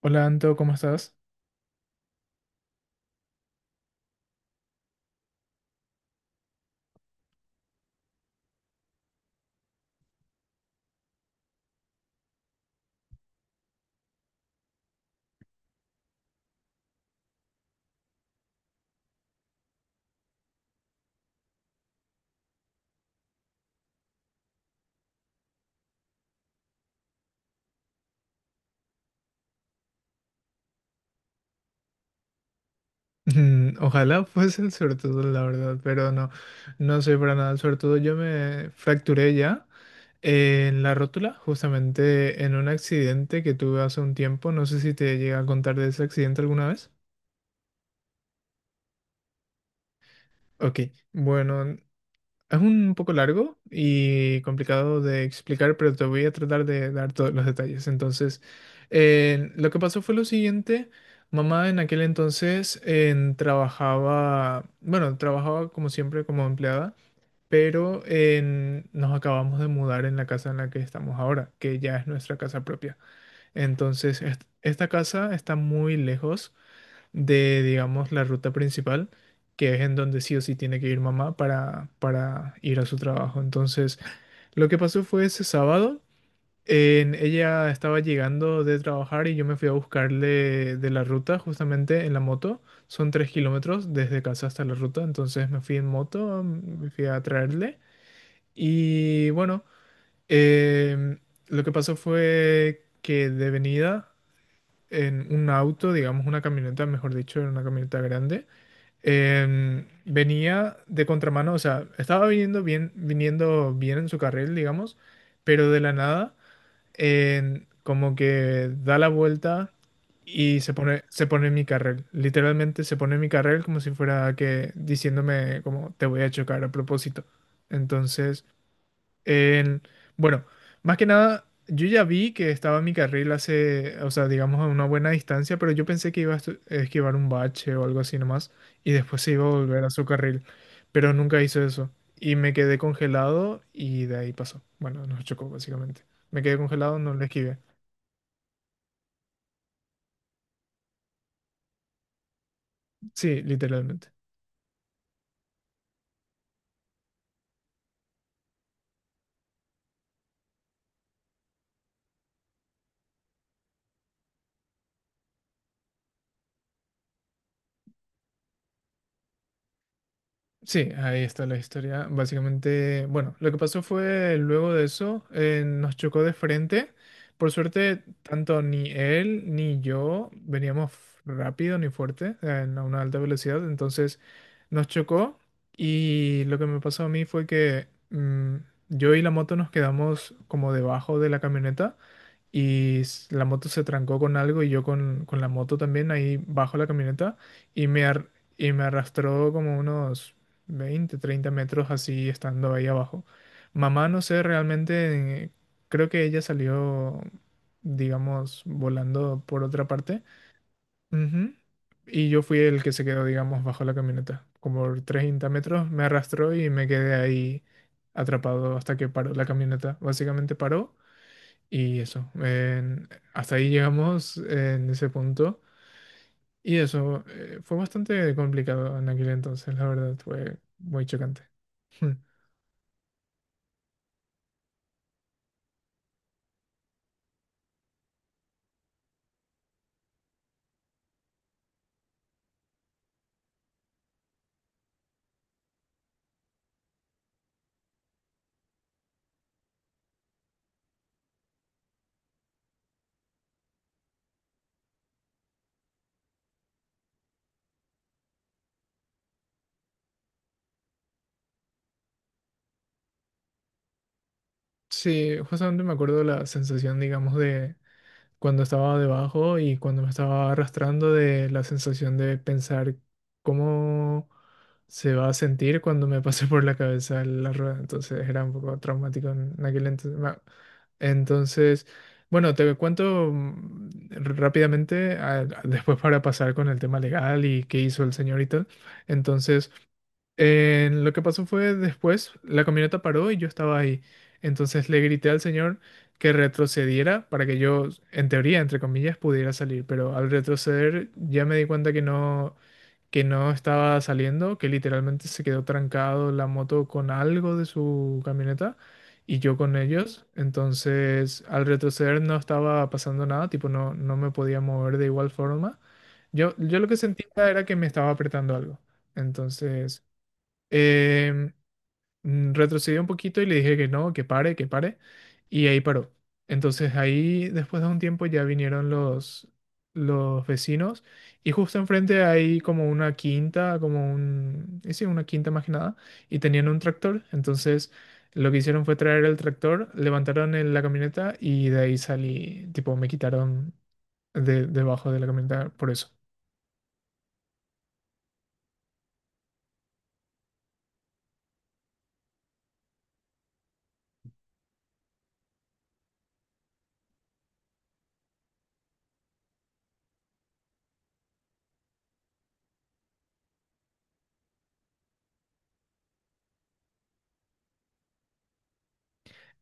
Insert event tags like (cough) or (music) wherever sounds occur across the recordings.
Hola Anto, ¿cómo estás? Mm, ojalá fuese el suertudo, la verdad, pero no soy para nada el suertudo. Yo me fracturé ya en la rótula, justamente en un accidente que tuve hace un tiempo. No sé si te llegué a contar de ese accidente alguna vez. Ok, bueno. Es un poco largo y complicado de explicar, pero te voy a tratar de dar todos los detalles. Entonces, lo que pasó fue lo siguiente. Mamá en aquel entonces trabajaba, bueno, trabajaba como siempre como empleada, pero nos acabamos de mudar en la casa en la que estamos ahora, que ya es nuestra casa propia. Entonces, esta casa está muy lejos de, digamos, la ruta principal, que es en donde sí o sí tiene que ir mamá para ir a su trabajo. Entonces, lo que pasó fue ese sábado, ella estaba llegando de trabajar y yo me fui a buscarle de la ruta justamente en la moto. Son 3 kilómetros desde casa hasta la ruta, entonces me fui en moto, me fui a traerle. Y bueno, em, lo que pasó fue que de venida en un auto, digamos una camioneta, mejor dicho, era una camioneta grande venía de contramano, o sea, estaba viniendo bien en su carril, digamos, pero de la nada, como que da la vuelta y se pone en mi carril. Literalmente se pone en mi carril como si fuera que diciéndome como te voy a chocar a propósito. Entonces, en- bueno, más que nada, yo ya vi que estaba en mi carril hace, o sea, digamos a una buena distancia, pero yo pensé que iba a esquivar un bache o algo así nomás y después se iba a volver a su carril, pero nunca hizo eso y me quedé congelado y de ahí pasó. Bueno, nos chocó básicamente. Me quedé congelado, no le esquivé. Sí, literalmente. Sí, ahí está la historia. Básicamente, bueno, lo que pasó fue luego de eso, nos chocó de frente. Por suerte, tanto ni él ni yo veníamos rápido ni fuerte, a una alta velocidad. Entonces, nos chocó y lo que me pasó a mí fue que yo y la moto nos quedamos como debajo de la camioneta y la moto se trancó con algo y yo con la moto también ahí bajo la camioneta y y me arrastró como unos 20 30 metros así estando ahí abajo. Mamá, no sé realmente, creo que ella salió, digamos, volando por otra parte. Ujú. Y yo fui el que se quedó, digamos, bajo la camioneta. Como por 30 metros me arrastró y me quedé ahí atrapado hasta que paró la camioneta. Básicamente paró y eso, hasta ahí llegamos en ese punto. Y eso, fue bastante complicado en aquel entonces, la verdad, fue muy chocante. (laughs) Sí, justamente me acuerdo la sensación, digamos, de cuando estaba debajo y cuando me estaba arrastrando de la sensación de pensar cómo se va a sentir cuando me pase por la cabeza la rueda. Entonces era un poco traumático en aquel entonces. Ma- Entonces, bueno, te cuento rápidamente, después para pasar con el tema legal y qué hizo el señor y tal. Entonces... lo que pasó fue después, la camioneta paró y yo estaba ahí. Entonces le grité al señor que retrocediera para que yo, en teoría, entre comillas, pudiera salir. Pero al retroceder ya me di cuenta que no estaba saliendo, que literalmente se quedó trancado la moto con algo de su camioneta y yo con ellos. Entonces al retroceder no estaba pasando nada, tipo no, no me podía mover de igual forma. Yo lo que sentía era que me estaba apretando algo. Entonces... Eh, retrocedió un poquito y le dije que no, que pare, y ahí paró. Entonces ahí, después de un tiempo, ya vinieron los vecinos y justo enfrente hay como una quinta, como un, sí, una quinta más que nada, y tenían un tractor. Entonces lo que hicieron fue traer el tractor, levantaron la camioneta y de ahí salí, tipo, me quitaron de, debajo de la camioneta por eso.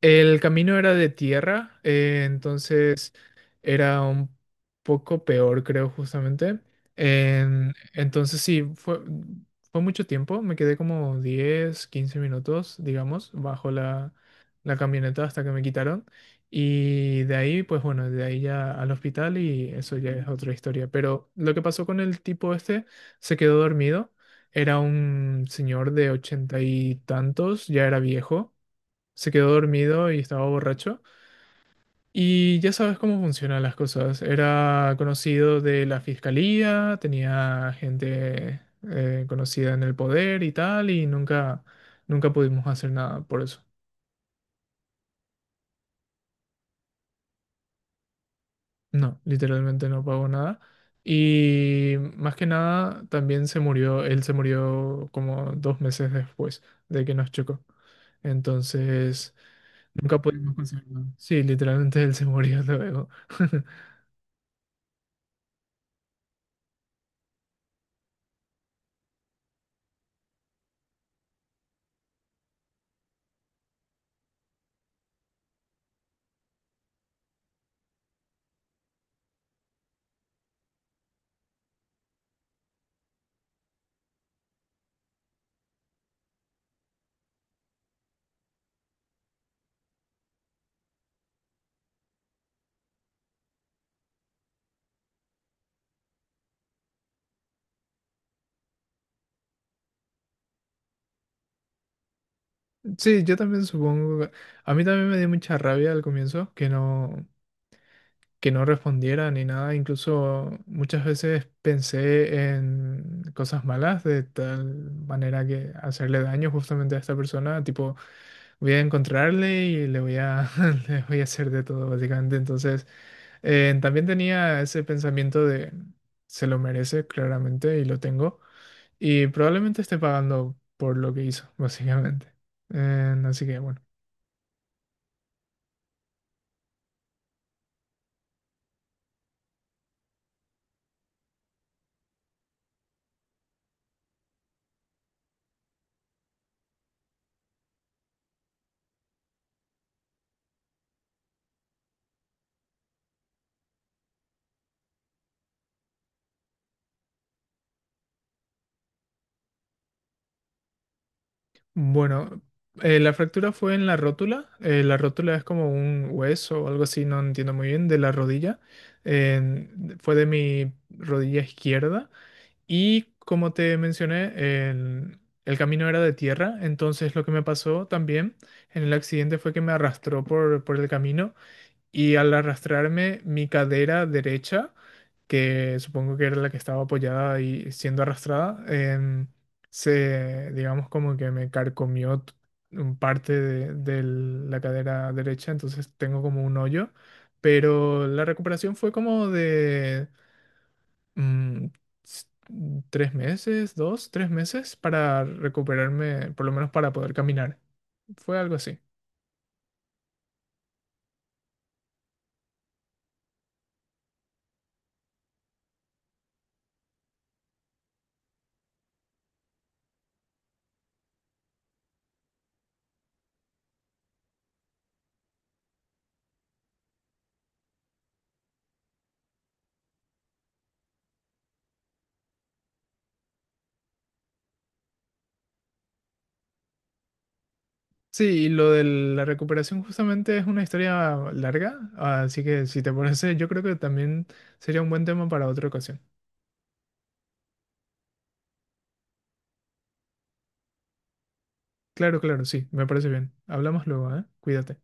El camino era de tierra, entonces era un poco peor, creo, justamente. Entonces sí, fue, fue mucho tiempo, me quedé como 10, 15 minutos, digamos, bajo la camioneta hasta que me quitaron. Y de ahí, pues bueno, de ahí ya al hospital y eso ya es otra historia. Pero lo que pasó con el tipo este, se quedó dormido, era un señor de ochenta y tantos, ya era viejo, se quedó dormido y estaba borracho. Y ya sabes cómo funcionan las cosas. Era conocido de la fiscalía, tenía gente conocida en el poder y tal, y nunca pudimos hacer nada por eso. No, literalmente no pagó nada. Y más que nada, también se murió, él se murió como dos meses después de que nos chocó. Entonces, nunca pudimos conseguir nada. Sí, literalmente él se murió luego. (laughs) Sí, yo también supongo. A mí también me dio mucha rabia al comienzo que no respondiera ni nada. Incluso muchas veces pensé en cosas malas de tal manera que hacerle daño justamente a esta persona. Tipo, voy a encontrarle y le voy a, (laughs) le voy a hacer de todo, básicamente. Entonces, también tenía ese pensamiento de se lo merece, claramente, y lo tengo. Y probablemente esté pagando por lo que hizo, (laughs) básicamente. Así que bueno. Bueno, la fractura fue en la rótula. Eh, la rótula es como un hueso o algo así, no entiendo muy bien, de la rodilla. Fue de mi rodilla izquierda. Y como te mencioné, el camino era de tierra. Entonces lo que me pasó también en el accidente fue que me arrastró por el camino y al arrastrarme mi cadera derecha, que supongo que era la que estaba apoyada y siendo arrastrada, em, se, digamos, como que me carcomió un parte de la cadera derecha, entonces tengo como un hoyo, pero la recuperación fue como de mm, s- tres meses, dos, tres meses para recuperarme, por lo menos para poder caminar. Fue algo así. Sí, y lo de la recuperación justamente es una historia larga, así que si te parece, yo creo que también sería un buen tema para otra ocasión. Claro, claro, sí, me parece bien. Hablamos luego, ¿eh? Cuídate.